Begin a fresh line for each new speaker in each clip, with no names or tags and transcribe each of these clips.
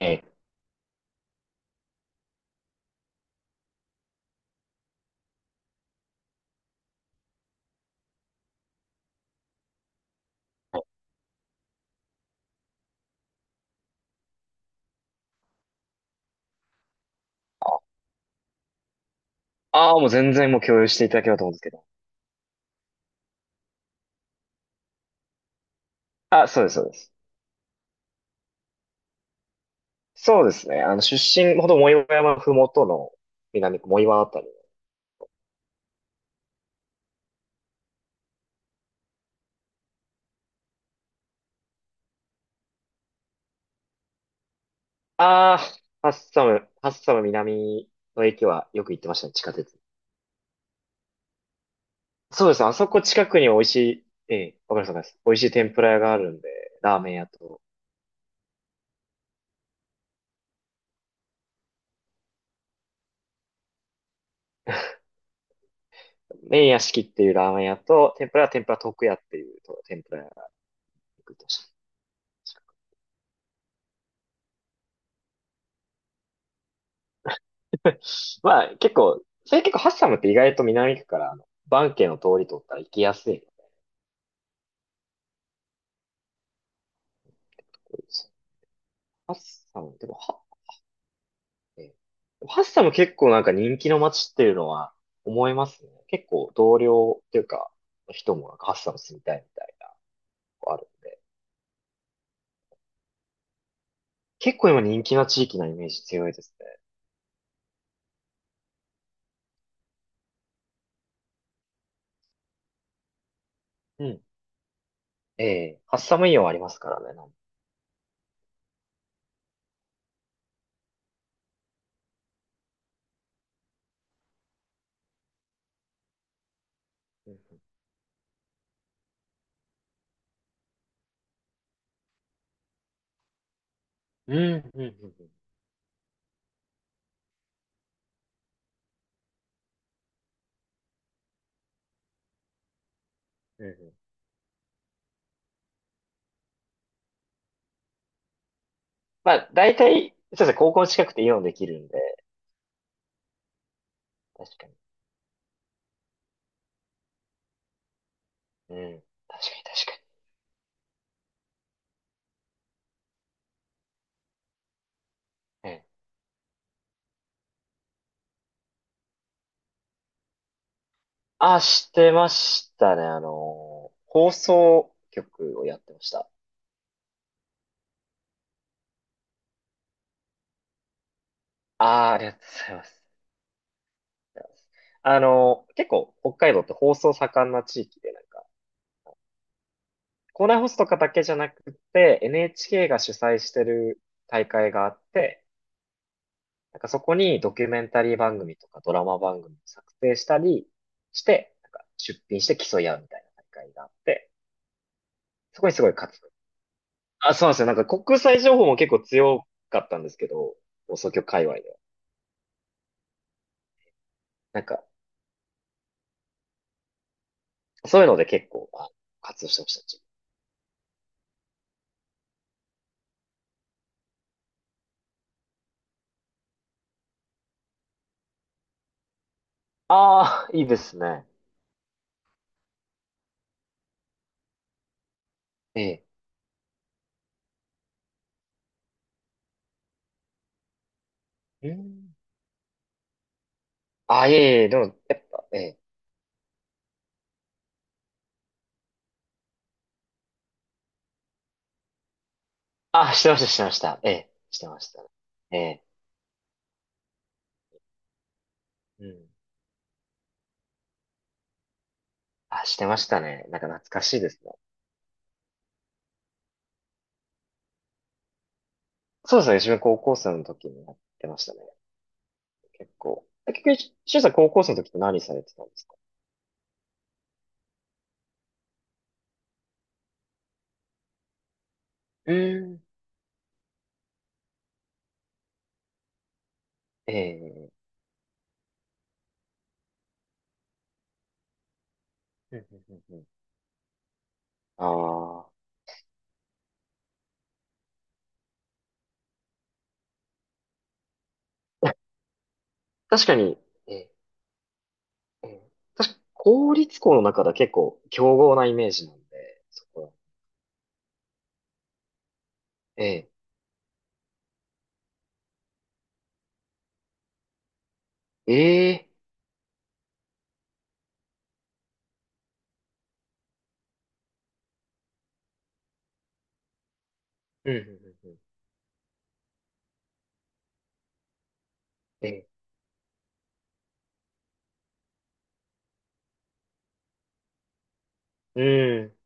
ええ。ああ、もう全然もう共有していただければと思うんですけど。あ、そうです、そうです。そうですね。出身、ほど藻岩山ふもとの南藻岩あたり。ああ、ハッサム、ハッサム南の駅はよく行ってましたね、地下鉄。そうです。あそこ近くに美味しい、ええ、わかります、わかります。美味しい天ぷら屋があるんで、ラーメン屋と、麺屋敷っていうラーメン屋と、天ぷらは天ぷら徳屋っていうと天ぷら屋がよく行ってました。まあ、結構、それ結構ハッサムって意外と南区から、バンケイの通り通ったら行きやすい。ハッサム、でも、は、えーハッサム結構なんか人気の街っていうのは思いますね。結構同僚っていうか、人もなんかハッサム住みたいみたいな、あるんで。結構今人気な地域なイメージ強いですね。うん。ええ、ハッサムイオンありますからね。なん、うんうん、うん、うん、うん。うんうん、まあ、大体、そうですね、高校近くてイオンできるんで、確かに。うん。確かに、確かに。ええ、あ、してましたね。放送局をやってました。ああ、ありがとうございます。ありがとうございます。結構北海道って放送盛んな地域で、なんか、校内放送とかだけじゃなくて、NHK が主催してる大会があって、なんかそこにドキュメンタリー番組とかドラマ番組を作成したりして、なんか出品して競い合うみたいな大会があって、そこにすごい活動。あ、そうなんですよ。なんか国際情報も結構強かったんですけど、放送局界隈では。なんか、そういうので結構、まあ、活動してました。ああー、いいですね。ええ、えー、あ、いえいえ、でも、やっぱ、ええ。あ、してました、してました。ええ、してましたね。ええ。うん。あ、してましたね。なんか懐かしいですね。そうですね。自分高校生の時にやってましたね。結構。え、結局、しゅんさん高校生の時って何されてたんですか？うーん、ええ。うんうんうんうん、ああ。確かに、ええ、ええ。確か、公立校の中では結構強豪なイメージなんで、そこは。ええ、ええ。うん、うん、うんうん。ええ、うん。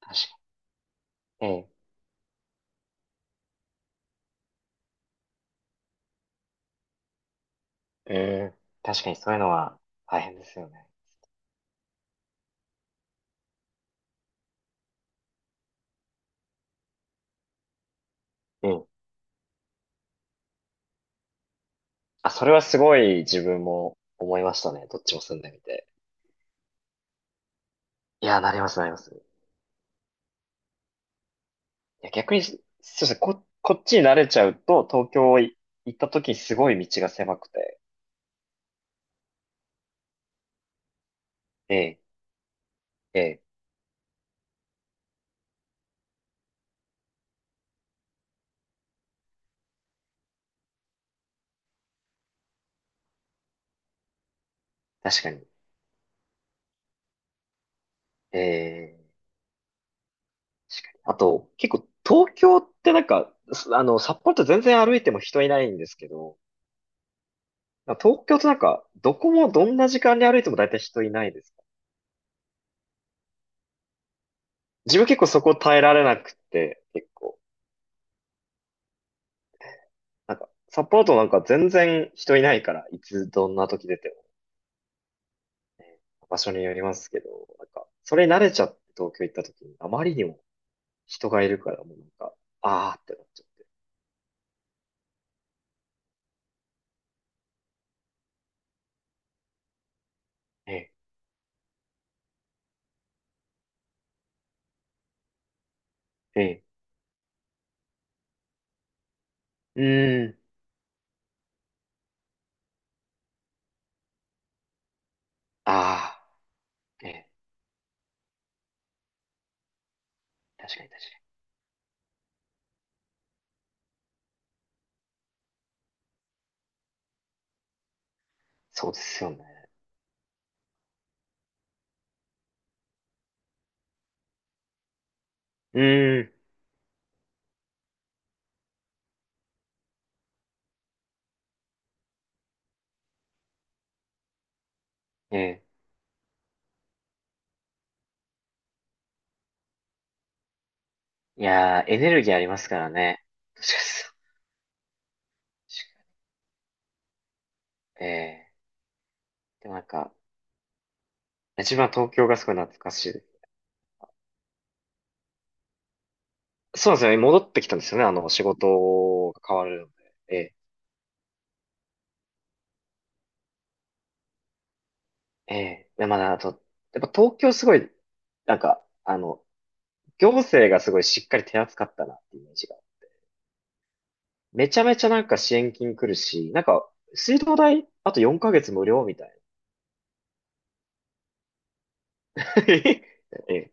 確かに。ええ、ええ、確かにそういうのは大変ですよね。うん。あ、それはすごい自分も思いましたね。どっちも住んでみて。いや、なります、なります。いや、逆に、そうですね、こ、こっちに慣れちゃうと、東京い行った時にすごい道が狭くて。ええ、ええ、確かに。ええ、あと、結構、東京ってなんか、す、札幌って全然歩いても人いないんですけど、東京ってなんか、どこもどんな時間に歩いても大体人いないです。自分結構そこ耐えられなくて、結構。なんか、サポートなんか全然人いないから、いつどんな時出てもね、場所によりますけど、なんか、それ慣れちゃって東京行った時に、あまりにも人がいるから、もうなんか、あーってなっちゃって。ええ、ええ、うーん、あー、ええ、確かに確かに。そうですよね。うーん、ええ、いやー、エネルギーありますからね。確かにそう、確かに、ええ、でもなんか、自分は東京がすごい懐かしいです。そうなんですよね。戻ってきたんですよね。仕事が変わるので。ええ、ええ、でまだ、あと、やっぱ東京すごい、なんか、行政がすごいしっかり手厚かったなっていうイメージが。めちゃめちゃなんか支援金来るし、なんか、水道代、あと4ヶ月無料みたいな。ええ、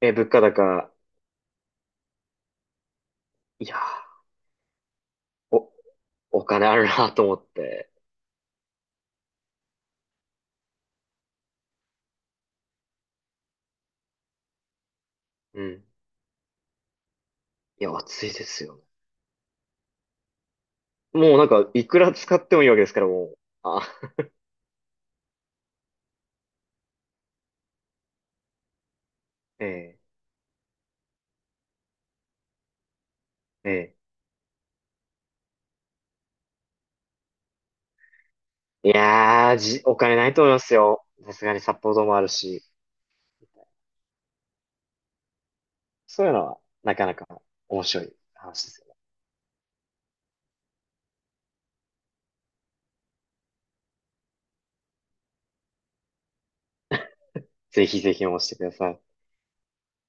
え、物価高、いやー、お、お金あるなと思って。うん。いや、暑いですよね。もうなんか、いくら使ってもいいわけですから、もう。あ、ええ、ええ。いやー、じ、お金ないと思いますよ。さすがに札幌ドームあるし。そういうのは、なかなか面白い話ですよね。ぜひぜひ応募してください。